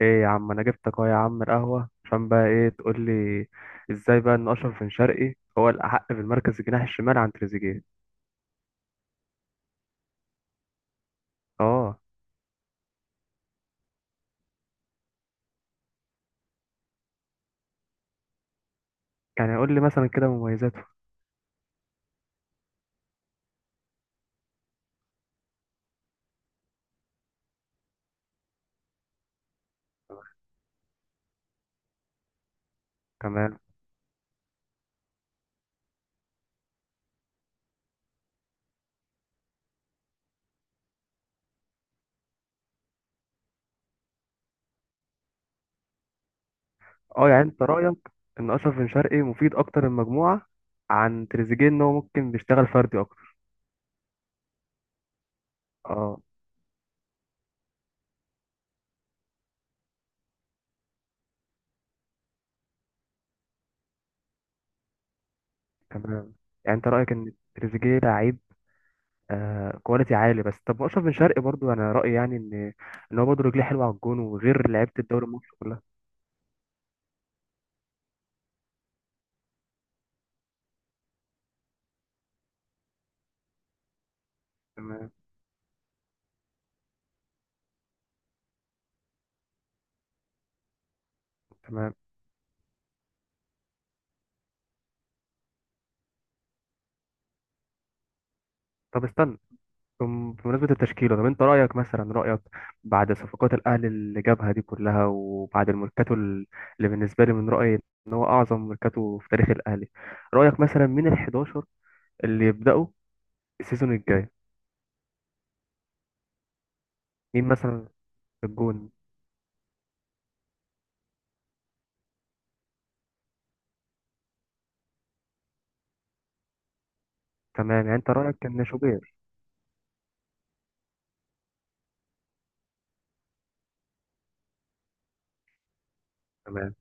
ايه يا عم، انا جبتك اهو يا عم القهوه عشان بقى ايه تقول لي؟ ازاي بقى ان اشرف بن شرقي هو الاحق في المركز الجناح الشمال عن تريزيجيه؟ اه، يعني قول لي مثلا كده مميزاته. تمام. اه، يعني انت رايك ان اشرف بن شرقي مفيد اكتر المجموعه عن تريزيجيه ان هو ممكن بيشتغل فردي اكتر. اه، تمام. يعني انت رايك ان تريزيجيه لعيب آه كواليتي عالي، بس طب اشرف بن شرقي برضو انا رايي يعني ان هو برضه رجليه حلوه على الجون وغير لعيبه الدوري المصري كلها. تمام، تمام. طب استنى، بمناسبة التشكيلة. طب انت رأيك مثلا، رأيك بعد صفقات الأهلي اللي جابها دي كلها وبعد الميركاتو اللي بالنسبة لي من رأيي ان هو أعظم ميركاتو في تاريخ الأهلي. رأيك مثلا مين ال 11 اللي يبدأوا السيزون الجاي؟ مين مثلا؟ في الجون. تمام، يعني انت رأيك ان شوبير. تمام.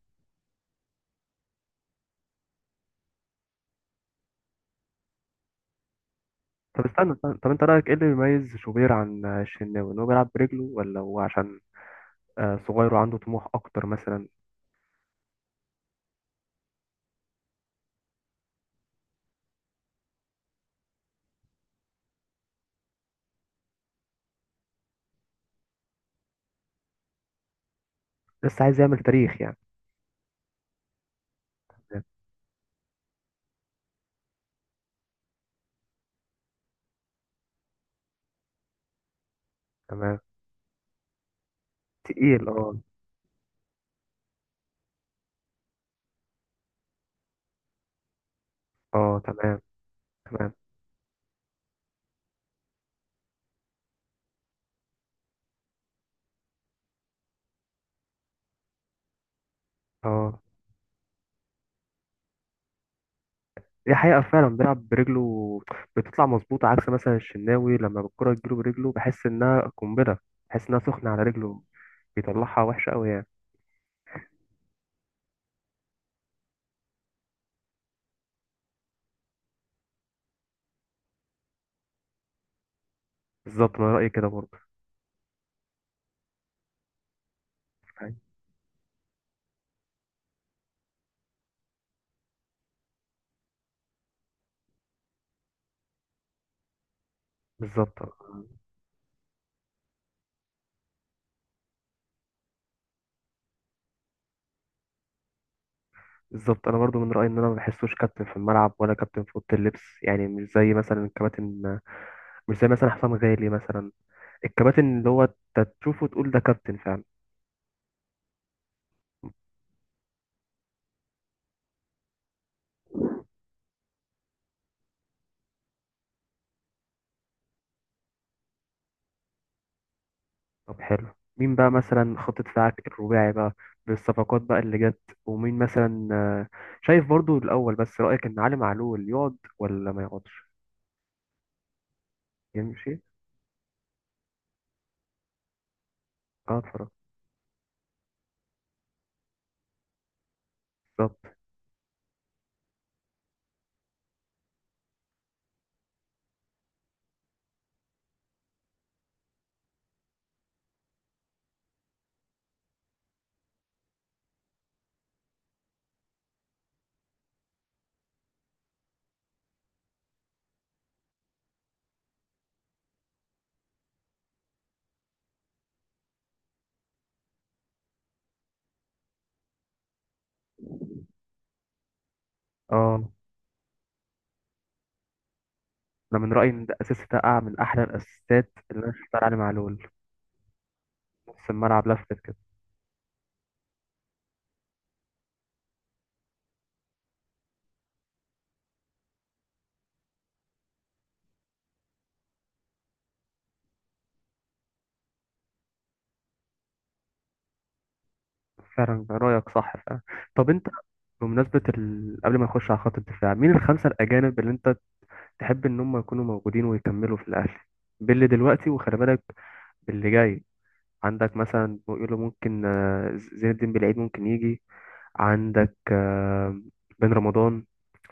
طب استنى، استنى. طب انت رأيك ايه اللي بيميز شوبير عن الشناوي، ان هو بيلعب برجله ولا هو عشان صغير وعنده طموح أكتر مثلا؟ لسه عايز يعمل تاريخ يعني. تمام. تقيل، اه. اه، تمام. تمام. اه. دي حقيقة، فعلا بيلعب برجله بتطلع مظبوطة، عكس مثلا الشناوي لما الكرة تجيله برجله بحس إنها قنبلة. بحس إنها سخنة على رجله. بيطلعها وحشة أوي يعني. بالظبط، أنا رأيي كده برضه. فاهم؟ بالظبط، آه. بالظبط، أنا برضه من رأيي إن أنا ما بحسوش كابتن في الملعب ولا كابتن في أوضة اللبس، يعني مش زي مثلا الكباتن، مش زي مثلا حسام غالي مثلا، الكباتن اللي هو أنت تشوفه تقول ده كابتن فعلا. طب حلو، مين بقى مثلا خطط بتاعك الرباعي بقى، بالصفقات بقى اللي جت؟ ومين مثلا شايف برضو الأول؟ بس رأيك إن علي معلول يقعد ولا ما يقعدش؟ يمشي. اه، اتفرج. بالظبط، اه. أنا من رأيي إن ده أساس، ده من أحلى الأساسات اللي أنا شفتها على علي معلول. نص الملعب لفت كده. فعلا، رأيك صح فعلا. طب أنت، بمناسبة قبل ما نخش على خط الدفاع، مين الخمسة الأجانب اللي أنت تحب إن هم يكونوا موجودين ويكملوا في الأهلي، باللي دلوقتي وخلي بالك باللي جاي. عندك مثلا بيقولوا ممكن زين الدين بالعيد ممكن يجي. عندك بن رمضان.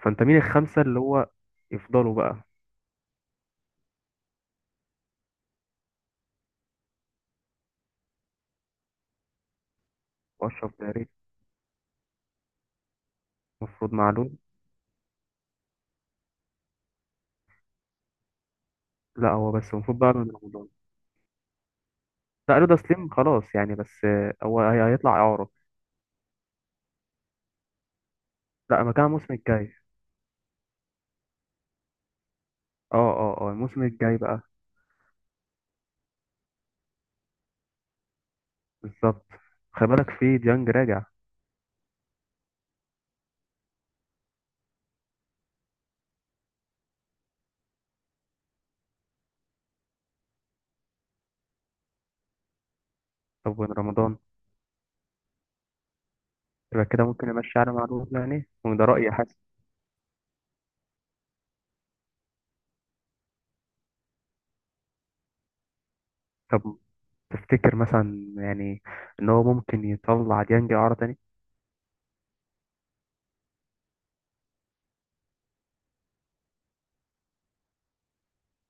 فانت مين الخمسة اللي هو يفضلوا بقى؟ واشرف داري. المفروض معلول. لا، هو بس المفروض بقى بن رمضان. لا، رضا سليم خلاص يعني، بس هو هيطلع إعارة. لا، مكان الموسم الجاي. اه، اه، اه، الموسم الجاي بقى. بالظبط. خلي بالك في ديانج راجع. طب بن رمضان؟ يبقى كده ممكن نمشي على معلول يعني، وده رأيي حاسس. طب تفتكر مثلا يعني ان هو ممكن يطلع ديانج اعاره تاني؟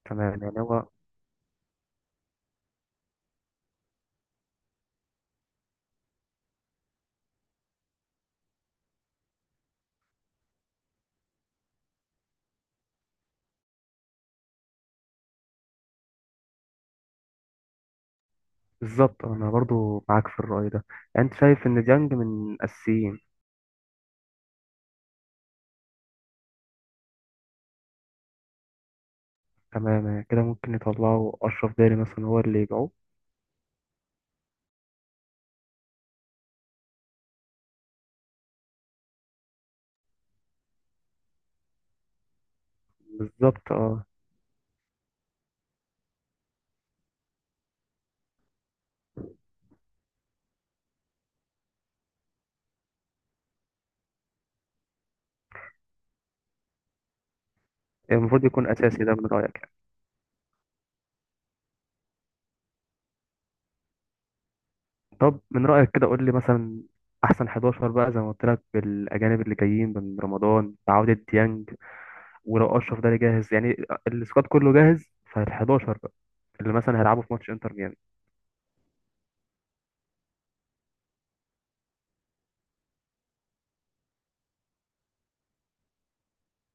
تمام، يعني هو. بالظبط، انا برضو معاك في الرأي ده. يعني انت شايف ان ديانج من اساسيين. تمام، يعني كده ممكن يطلعوا اشرف داري مثلا هو اللي يبيعوه. بالظبط، اه. يعني المفروض يكون اساسي ده من رأيك يعني. طب من رأيك كده قول لي مثلا احسن 11 بقى، زي ما قلت لك، بالاجانب اللي جايين من رمضان بعودة ديانج. ولو اشرف داري جاهز يعني، السكواد كله جاهز، فال11 بقى اللي مثلا هيلعبوا في ماتش انتر ميامي.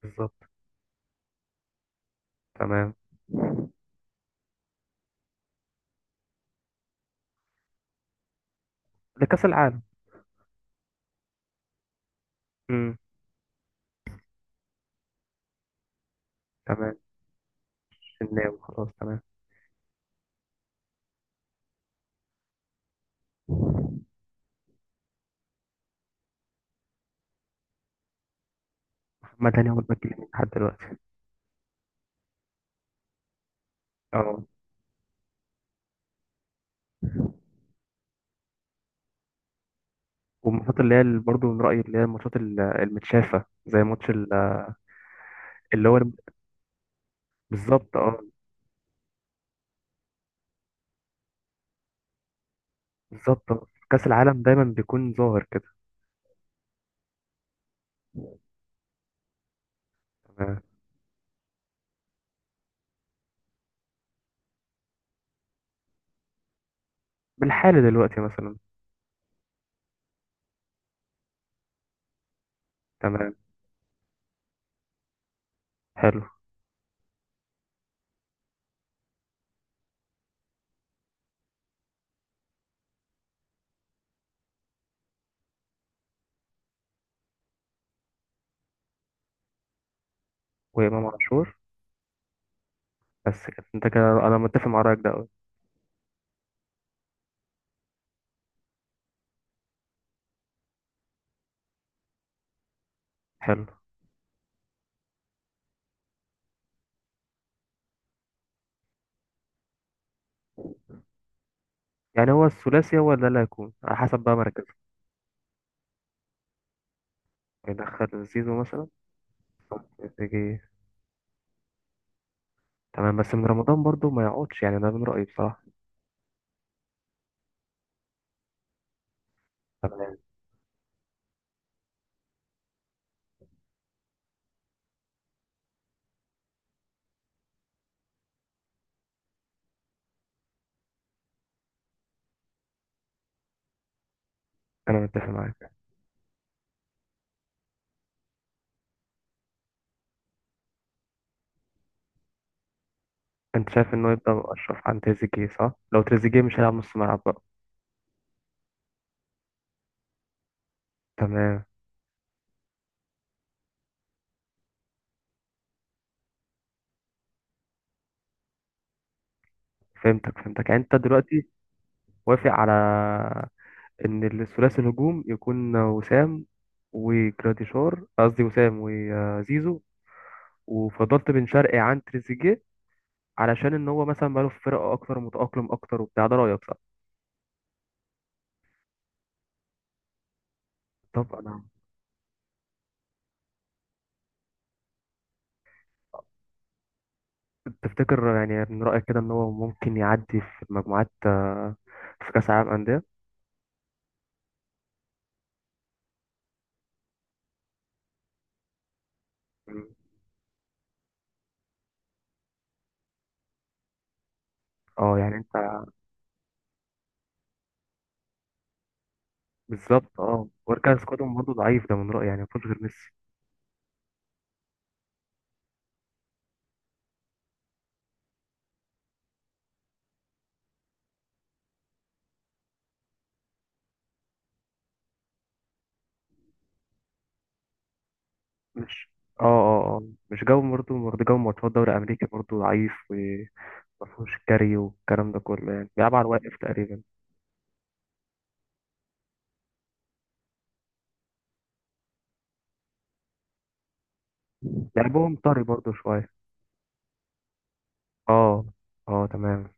بالظبط. تمام. لكأس العالم. امم. تمام، الشناوي خلاص. تمام. محمد هاني هو الباك اليمين لحد دلوقتي. اه. والماتشات اللي هي برضه من رأيي، اللي هي الماتشات المتشافة، زي ماتش اللي هو بالظبط، اه. بالظبط، آه. كأس العالم دايما بيكون ظاهر كده. تمام. بالحالي دلوقتي مثلا. تمام، حلو. وإمام عاشور. بس كده انت، كده انا متفق مع رأيك ده أوي. حلو. يعني هو الثلاثي هو ده اللي هيكون على حسب بقى مركزه. يدخل زيزو مثلا؟ يجي. تمام، بس من رمضان برضه ما يقعدش يعني، ده من رأيي بصراحة. انا متفق معاك. انت شايف انه يبقى اشرف عن تريزيجيه، صح؟ لو تريزيجيه مش هيلعب نص ملعب بقى. تمام. فهمتك، فهمتك. يعني انت دلوقتي وافق على ان الثلاثي الهجوم يكون وسام وجراديشار، قصدي وسام وزيزو. وفضلت بن شرقي عن تريزيجيه علشان ان هو مثلا بقاله في فرقه اكتر، متاقلم اكتر وبتاع. ده رايك، صح؟ طب انا، تفتكر يعني من رايك كده ان هو ممكن يعدي في المجموعات في كاس العالم انديه؟ مم. اه، يعني انت. بالظبط، اه. واركان سكوادهم برضه ضعيف ده من رأيي، يعني مفيش غير ميسي. مش. اه، اه، اه، مش جو برضه، برضه جو ماتشات دوري أمريكي برضه ضعيف. ومفهوش كاري والكلام ده كله، يعني بيلعب على الواقف تقريبا. لعبهم طري برضه شوية. اه. اه، تمام.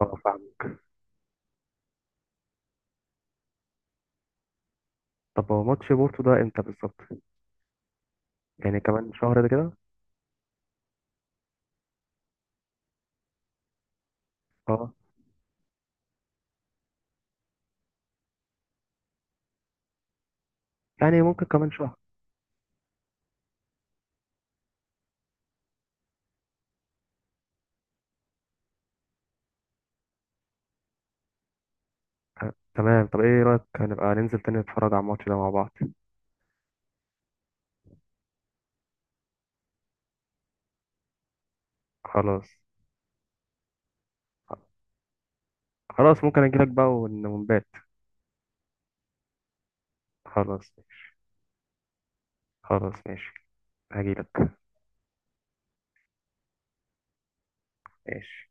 اه، فاهم. طب هو ماتش بورتو ده امتى بالظبط؟ يعني كمان شهر ده كده؟ اه، يعني ممكن كمان شهر. تمام. طب ايه رأيك، هنبقى ننزل تاني نتفرج على الماتش ده مع بعض؟ خلاص. خلاص، ممكن اجيلك بقى ونبات. خلاص. خلاص، ماشي. هجيلك. ماشي.